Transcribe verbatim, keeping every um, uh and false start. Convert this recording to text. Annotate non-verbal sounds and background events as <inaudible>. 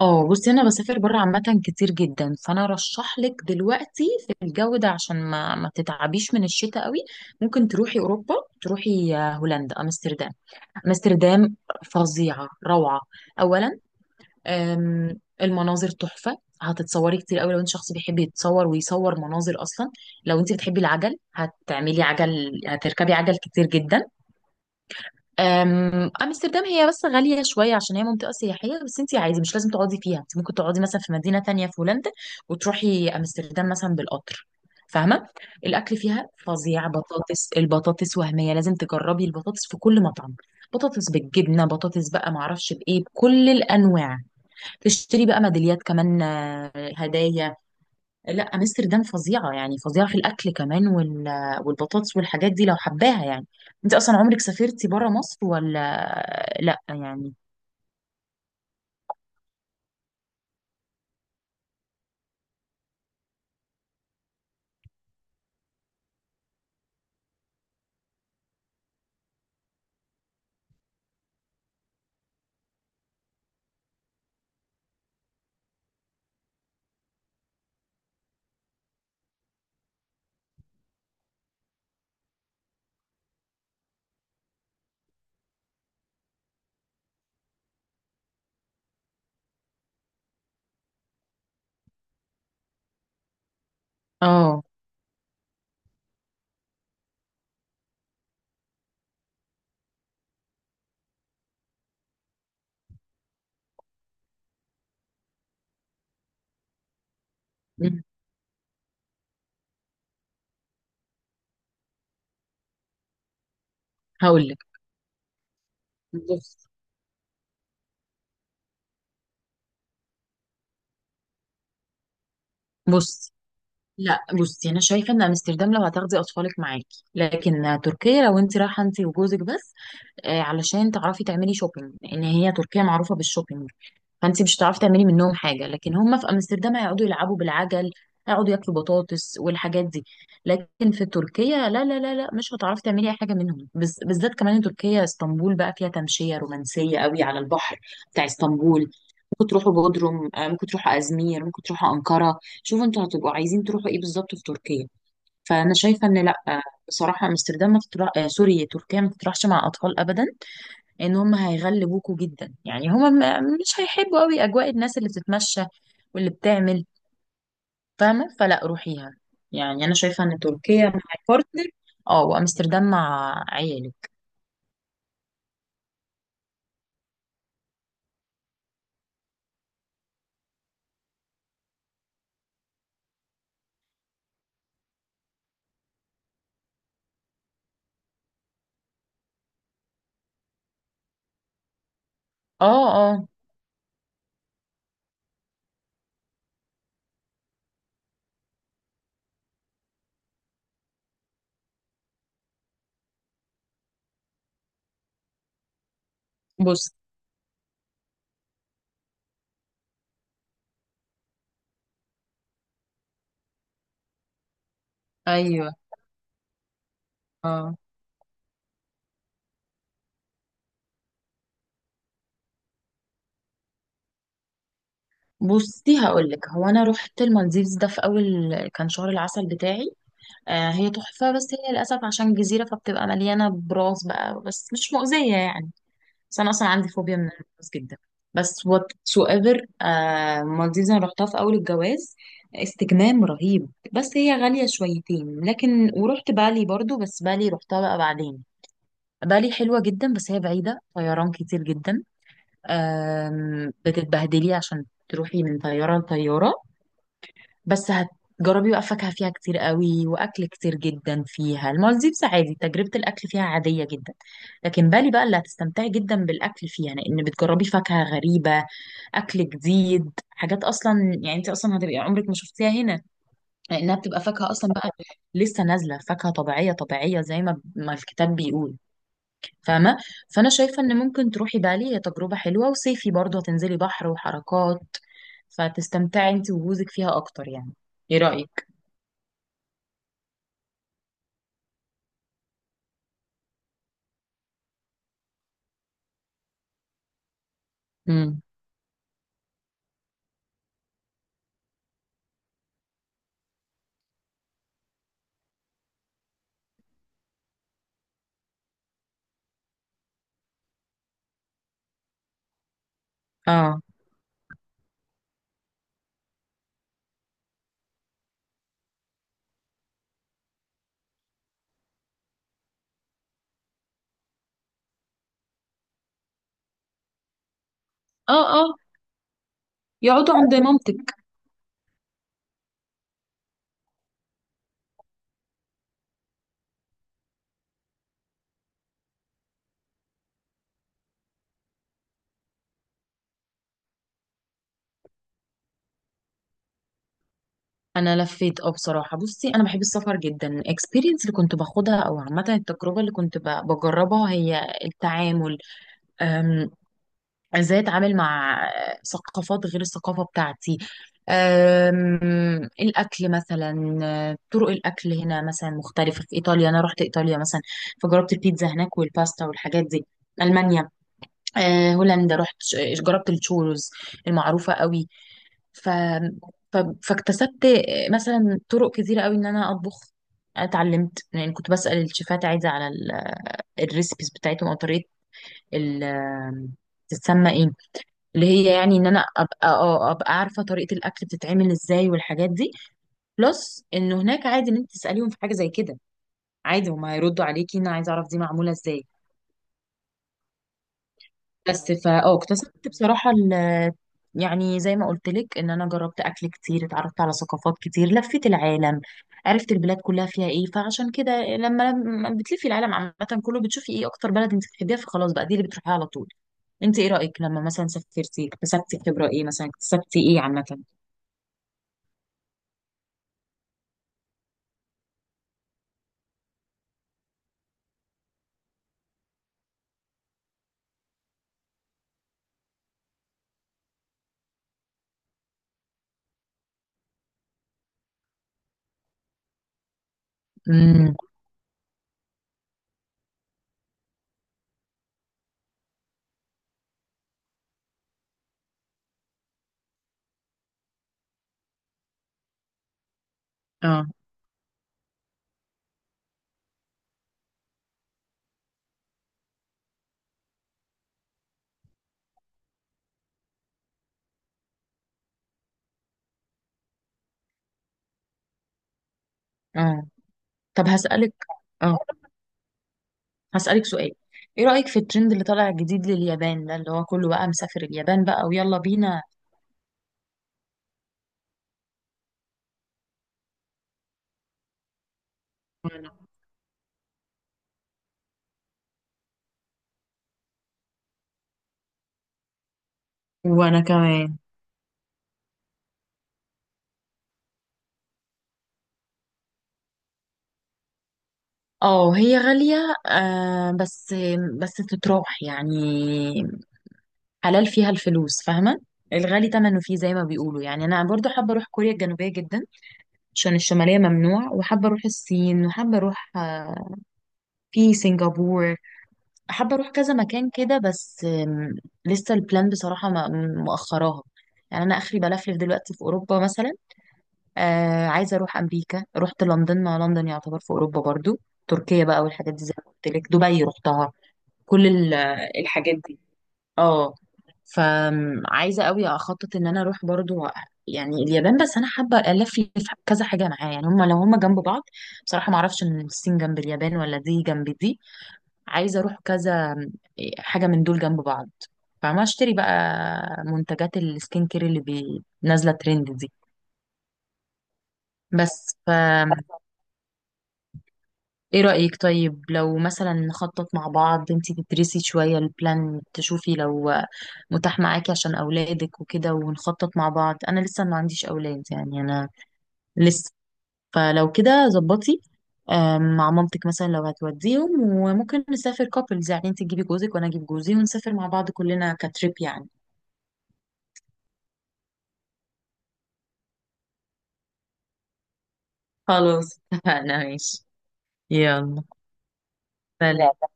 اه، بصي انا بسافر بره عامه كتير جدا. فانا ارشح لك دلوقتي في الجو ده عشان ما ما تتعبيش من الشتاء قوي. ممكن تروحي اوروبا. تروحي آه، هولندا، امستردام. امستردام فظيعه، روعه. اولا آم، المناظر تحفه، هتتصوري كتير قوي لو انت شخص بيحب يتصور ويصور مناظر اصلا. لو انت بتحبي العجل هتعملي عجل، هتركبي عجل كتير جدا. أم، امستردام هي بس غالية شوية عشان هي منطقة سياحية، بس انت عادي مش لازم تقعدي فيها، انت ممكن تقعدي مثلا في مدينة تانية في هولندا وتروحي امستردام مثلا بالقطر. فاهمة؟ الاكل فيها فظيع، بطاطس، البطاطس وهمية، لازم تجربي البطاطس في كل مطعم. بطاطس بالجبنة، بطاطس، بقى معرفش بايه، بكل الانواع. تشتري بقى ميداليات كمان، آه، هدايا. لا، امستردام فظيعه يعني، فظيعه في الاكل كمان، وال... والبطاطس والحاجات دي لو حباها يعني. انت اصلا عمرك سافرتي بره مصر ولا لا؟ يعني اه. هقول لك، بص. بصي، لا بصي، انا شايفه ان امستردام لو هتاخدي اطفالك معاكي، لكن تركيا لو انت رايحه انت وجوزك بس. آه، علشان تعرفي تعملي شوبينج، ان هي تركيا معروفه بالشوبينج، فانت مش هتعرفي تعملي منهم حاجه، لكن هم في امستردام هيقعدوا يلعبوا بالعجل، هيقعدوا ياكلوا بطاطس والحاجات دي. لكن في تركيا، لا لا لا لا، مش هتعرفي تعملي اي حاجه منهم، بز... بالذات كمان إن تركيا، اسطنبول بقى، فيها تمشيه رومانسيه قوي على البحر بتاع اسطنبول. ممكن تروحوا بودروم، آه، ممكن تروحوا ازمير، ممكن تروحوا انقره، شوفوا انتوا هتبقوا عايزين تروحوا ايه بالظبط في تركيا. فانا شايفه ان لا، آه، بصراحه امستردام ما تطلع... آه، سوري، تركيا ما تطرحش مع اطفال ابدا، ان هم هيغلبوكوا جدا. يعني هم م- مش هيحبوا قوي اجواء الناس اللي بتتمشى واللي بتعمل. فاهمه؟ فلا، روحيها. يعني انا شايفه ان تركيا مع بارتنر، اه، وامستردام مع عيالك. اه اه، بص. ايوه. اه، بصي هقول لك، هو انا رحت المالديفز ده في اول، كان شهر العسل بتاعي. آه، هي تحفه، بس هي للاسف عشان جزيره فبتبقى مليانه براس بقى، بس مش مؤذيه يعني. بس انا اصلا عندي فوبيا من الجواز جدا، بس whatsoever. آه، مالديفز انا رحتها في اول الجواز، استجمام رهيب، بس هي غالية شويتين. لكن ورحت بالي برضو، بس بالي رحتها بقى بعدين. بالي حلوة جدا، بس هي بعيدة، طيران كتير جدا. آم، بتتبهدلي عشان تروحي من طيارة لطيارة، بس هتجربي بقى فاكهة فيها كتير قوي، وأكل كتير جدا فيها. المالديفز عادي، تجربة الأكل فيها عادية جدا، لكن بالي بقى اللي هتستمتعي جدا بالأكل فيها، لأن بتجربي فاكهة غريبة، أكل جديد، حاجات أصلا يعني أنت أصلا هتبقي عمرك ما شفتيها هنا، لأنها بتبقى فاكهة أصلا بقى لسه نازلة، فاكهة طبيعية طبيعية زي ما ما الكتاب بيقول. فاهمة؟ فأنا شايفة إن ممكن تروحي بالي، هي تجربة حلوة، وصيفي برضه هتنزلي بحر وحركات، فتستمتعي أنت وجوزك فيها أكتر يعني. إيه رأيك؟ امم، اه اه اه، يقعدوا عند مامتك. انا لفيت، اه، بصراحه بصي انا بحب السفر جدا. الاكسبيرينس اللي كنت باخدها، او عامه التجربه اللي كنت ب- بجربها، هي التعامل. أم، ازاي اتعامل مع آه، ثقافات غير الثقافه بتاعتي. أم، الاكل مثلا، آه، طرق الاكل هنا مثلا مختلفه. في ايطاليا انا رحت ايطاليا مثلا، فجربت البيتزا هناك والباستا والحاجات دي. المانيا، آه، هولندا رحت، ش- جربت الشوروز المعروفة قوي. ف... ف... فاكتسبت آه، مثلا طرق كتيرة قوي ان انا اطبخ. أنا اتعلمت، يعني كنت بسأل الشيفات، عايزة على ال- الريسبيز بتاعتهم، او طريقة ال آه، تتسمى ايه، اللي هي يعني ان انا ابقى آه، ابقى عارفة طريقة الاكل بتتعمل ازاي والحاجات دي. بلس انه هناك عادي ان انت تسأليهم في حاجة زي كده، عادي هما هيردوا عليكي. انا عايزة اعرف دي معمولة ازاي. بس فا اه، اكتسبت بصراحة ال- يعني زي ما قلت لك، ان انا جربت اكل كتير، اتعرفت على ثقافات كتير، لفيت العالم، عرفت البلاد كلها فيها ايه. فعشان كده لما لما بتلفي العالم عامة كله، بتشوفي ايه اكتر بلد انت بتحبيها، فخلاص بقى دي اللي بتروحيها على طول. انت ايه رأيك، لما مثلا سافرتي اكتسبتي خبرة ايه مثلا، اكتسبتي ايه عامة؟ امم، اه اه. طب هسألك، اه، هسألك سؤال. ايه رأيك في الترند اللي طالع جديد لليابان ده، اللي هو كله بقى مسافر اليابان، بقى ويلا بينا. وانا كمان. اه هي غالية، آه، بس بس تتراح يعني، حلال فيها الفلوس، فاهمة؟ الغالي تمنه فيه زي ما بيقولوا يعني. انا برضو حابة اروح كوريا الجنوبية جدا، عشان الشمالية ممنوع. وحابة اروح الصين، وحابة اروح آه، في سنغافورة. حابة اروح كذا مكان كده، بس آم، لسه البلان بصراحة ما- مؤخراها، يعني انا اخري بلفلف دلوقتي في اوروبا مثلا. آه، عايزة أروح أمريكا. رحت لندن، مع لندن يعتبر في أوروبا برضو. تركيا بقى والحاجات دي زي ما قلت لك، دبي رحتها، كل ال- الحاجات دي. اه، فعايزة قوي أخطط إن أنا أروح برضو، يعني اليابان. بس أنا حابة ألف لي في كذا حاجة معايا، يعني هما لو هما جنب بعض. بصراحة معرفش إن الصين جنب اليابان ولا دي جنب دي. عايزة أروح كذا، إيه، حاجة من دول جنب بعض، فما أشتري بقى منتجات السكين كير اللي بي- نازلة ترند دي. بس ف، ايه رأيك طيب لو مثلا نخطط مع بعض، انتي تدرسي شوية البلان، تشوفي لو متاح معاكي عشان اولادك وكده، ونخطط مع بعض. انا لسه ما عنديش اولاد يعني، انا لسه. فلو كده ظبطي آم، مع مامتك مثلا لو هتوديهم، وممكن نسافر كابلز، يعني انتي تجيبي جوزك وانا اجيب جوزي ونسافر مع بعض كلنا كتريب يعني. خلاص <laughs> اتفقنا، ماشي. يلا سلام.